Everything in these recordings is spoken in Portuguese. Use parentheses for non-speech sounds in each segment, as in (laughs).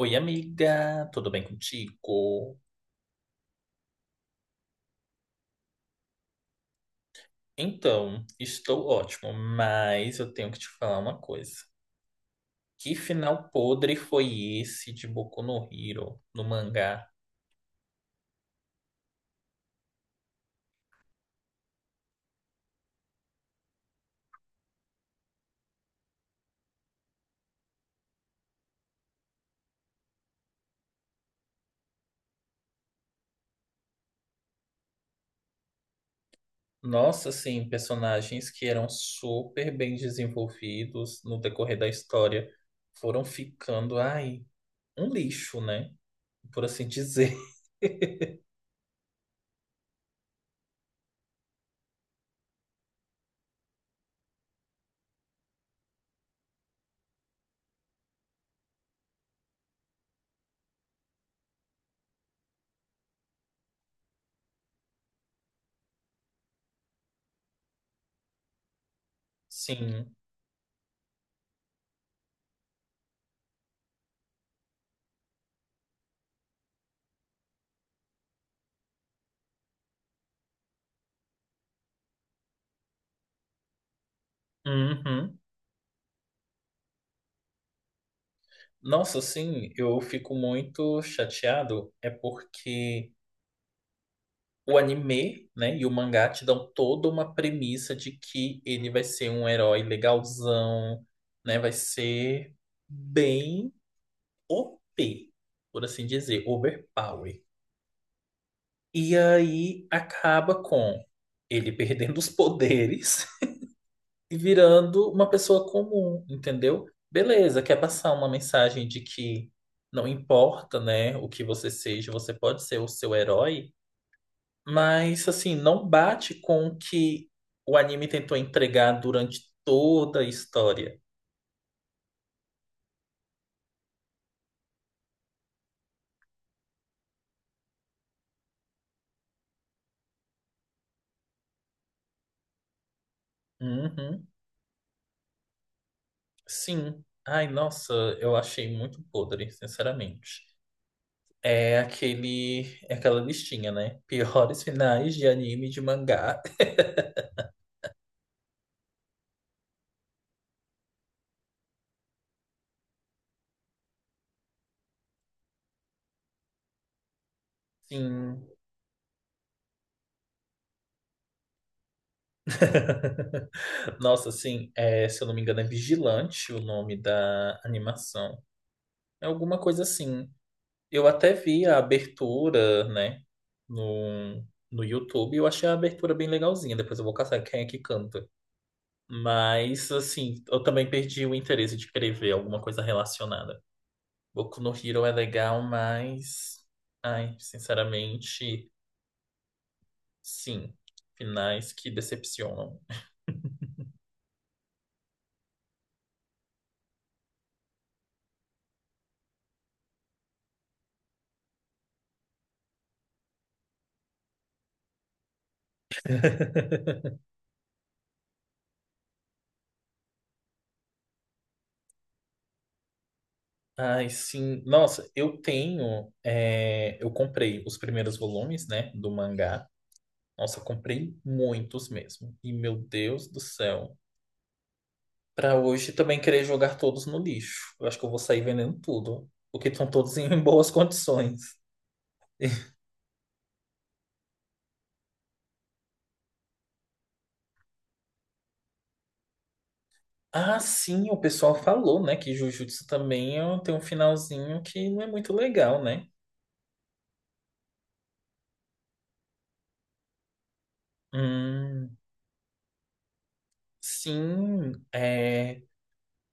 Oi, amiga, tudo bem contigo? Então, estou ótimo, mas eu tenho que te falar uma coisa. Que final podre foi esse de Boku no Hero, no mangá? Nossa, assim, personagens que eram super bem desenvolvidos no decorrer da história foram ficando, ai, um lixo, né? Por assim (laughs) dizer. Sim. Uhum. Nossa, sim, eu fico muito chateado, é porque. O anime, né, e o mangá te dão toda uma premissa de que ele vai ser um herói legalzão, né, vai ser bem OP, por assim dizer, overpower. E aí acaba com ele perdendo os poderes (laughs) e virando uma pessoa comum, entendeu? Beleza, quer passar uma mensagem de que não importa, né, o que você seja, você pode ser o seu herói. Mas assim, não bate com o que o anime tentou entregar durante toda a história. Uhum, sim. Ai, nossa, eu achei muito podre, sinceramente. É aquele, é aquela listinha, né? Piores finais de anime e de mangá. Sim. (laughs) Nossa, sim, é, se eu não me engano, é Vigilante o nome da animação. É alguma coisa assim. Eu até vi a abertura, né, no, no YouTube. Eu achei a abertura bem legalzinha. Depois eu vou caçar quem é que canta. Mas, assim, eu também perdi o interesse de querer ver alguma coisa relacionada. Boku no Hero é legal, mas. Ai, sinceramente, sim. Finais que decepcionam. Ai, sim. Nossa, eu tenho. Eu comprei os primeiros volumes, né, do mangá. Nossa, eu comprei muitos mesmo. E, meu Deus do céu. Pra hoje também querer jogar todos no lixo. Eu acho que eu vou sair vendendo tudo. Porque estão todos em (laughs) boas condições. Ah, sim, o pessoal falou, né? Que Jujutsu também ó, tem um finalzinho que não é muito legal, né? Hum, sim, é...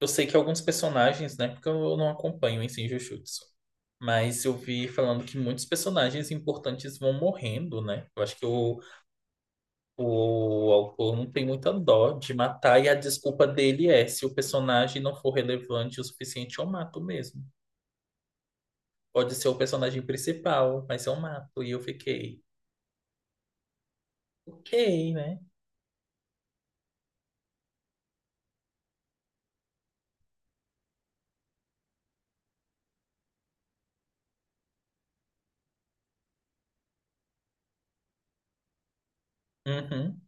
Eu sei que alguns personagens, né? Porque eu não acompanho em si Jujutsu. Mas eu vi falando que muitos personagens importantes vão morrendo, né? Eu acho que o autor não tem muita dó de matar, e a desculpa dele é: se o personagem não for relevante o suficiente, eu mato mesmo. Pode ser o personagem principal, mas eu mato. E eu fiquei, ok, né? Uhum.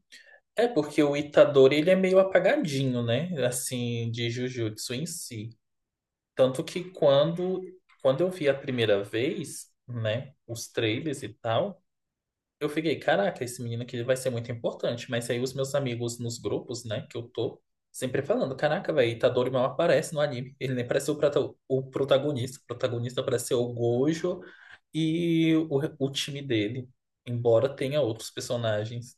É porque o Itadori ele é meio apagadinho, né? Assim, de Jujutsu em si. Tanto que quando eu vi a primeira vez, né, os trailers e tal. Eu fiquei, caraca, esse menino aqui vai ser muito importante. Mas aí os meus amigos nos grupos, né, que eu tô, sempre falando, caraca, velho, Itadori mal aparece no anime. Ele nem parece o protagonista. O protagonista parece ser o Gojo e o time dele. Embora tenha outros personagens.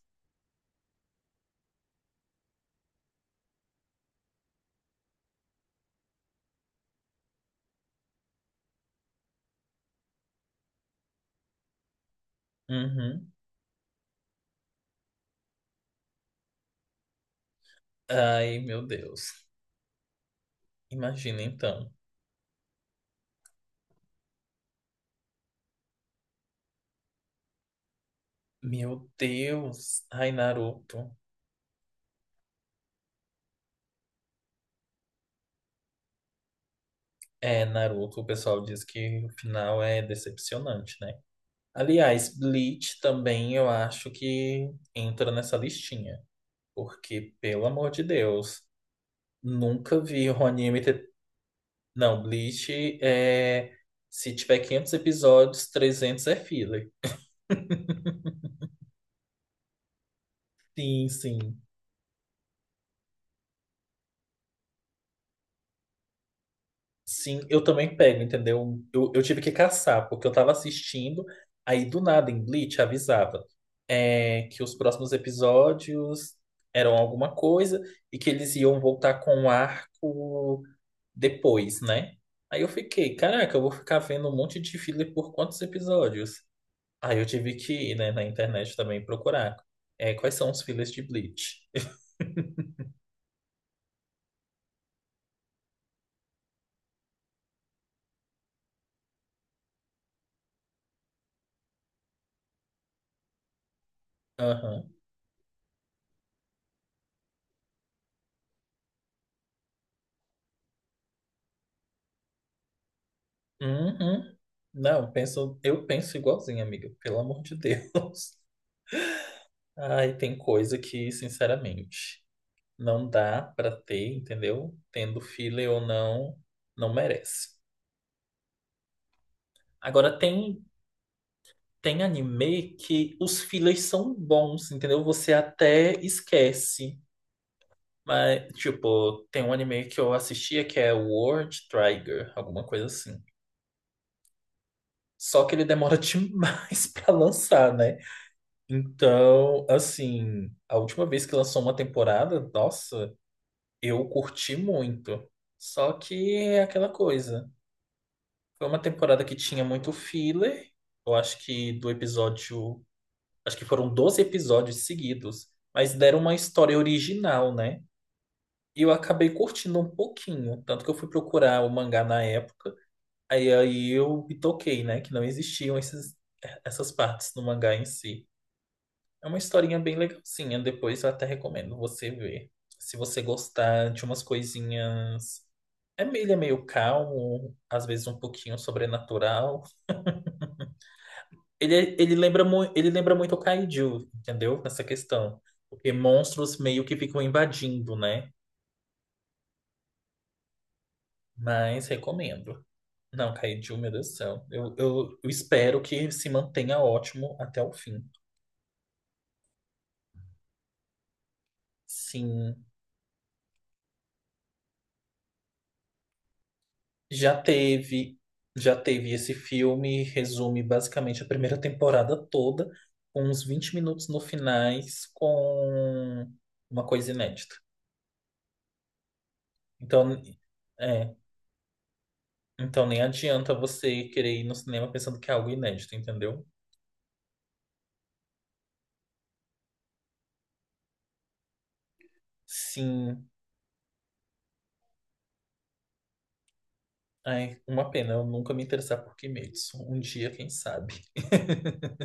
Uhum. Ai, meu Deus. Imagina então. Meu Deus. Ai, Naruto. É, Naruto, o pessoal diz que o final é decepcionante, né? Aliás, Bleach também eu acho que entra nessa listinha. Porque, pelo amor de Deus, nunca vi um anime ter... Não, Bleach é... Se tiver 500 episódios, 300 é filler. Sim, sim. Sim, eu também pego, entendeu? Eu tive que caçar, porque eu tava assistindo, aí do nada em Bleach avisava que os próximos episódios eram alguma coisa e que eles iam voltar com um arco depois, né? Aí eu fiquei, caraca, eu vou ficar vendo um monte de filler por quantos episódios? Aí eu tive que ir, né, na internet também procurar. É, quais são os fillers de Bleach? (laughs) Aham. Uhum. Não, eu penso igualzinho, amiga. Pelo amor de Deus. (laughs) Ai, tem coisa que, sinceramente, não dá pra ter, entendeu? Tendo filler ou não, não merece. Agora tem anime que os fillers são bons, entendeu? Você até esquece. Mas, tipo, tem um anime que eu assistia que é World Trigger, alguma coisa assim. Só que ele demora (laughs) demais pra lançar, né? Então, assim, a última vez que lançou uma temporada, nossa, eu curti muito. Só que é aquela coisa. Foi uma temporada que tinha muito filler. Eu acho que do episódio acho que foram 12 episódios seguidos, mas deram uma história original, né? E eu acabei curtindo um pouquinho, tanto que eu fui procurar o mangá na época, aí eu me toquei, né? Que não existiam essas partes no mangá em si. É uma historinha bem legalzinha, depois eu até recomendo você ver. Se você gostar de umas coisinhas. Ele é meio calmo, às vezes um pouquinho sobrenatural. Ele, é- ele lembra, mu- ele lembra muito o Kaiju, entendeu? Nessa questão. Porque monstros meio que ficam invadindo, né? Mas recomendo. Não, Kaiju, meu Deus do céu. Eu espero que se mantenha ótimo até o fim. Sim, já teve. Já teve esse filme, resume basicamente a primeira temporada toda, com uns 20 minutos no finais, com uma coisa inédita. Então, é, Então nem adianta você querer ir no cinema pensando que é algo inédito, entendeu? Sim. Ai, uma pena eu nunca me interessar por Kimetsu. Um dia, quem sabe? (laughs)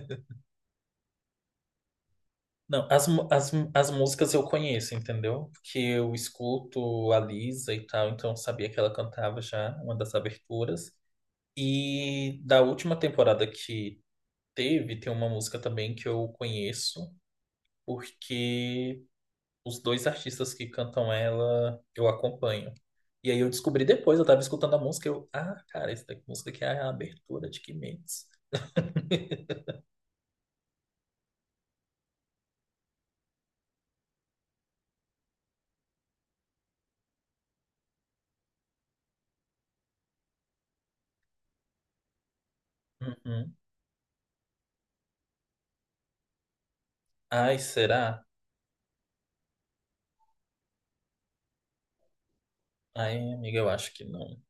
Não, as músicas eu conheço, entendeu? Porque eu escuto a Lisa e tal, então eu sabia que ela cantava já uma das aberturas. E da última temporada que teve, tem uma música também que eu conheço, porque os dois artistas que cantam ela, eu acompanho. E aí eu descobri depois, eu tava escutando a música, eu, ah, cara, essa música aqui é a abertura de Kimetsu. (laughs) Uhum. Ai, será? Ai, amiga, eu acho que não.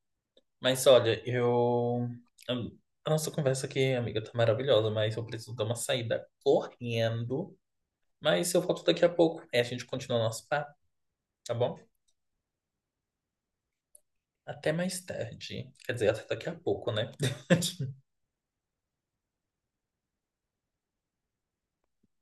Mas olha, eu- a nossa conversa aqui, amiga, tá maravilhosa, mas eu preciso dar uma saída correndo. Mas eu volto daqui a pouco. É, a gente continua nosso papo, tá bom? Até mais tarde. Quer dizer, até daqui a pouco, né? (laughs)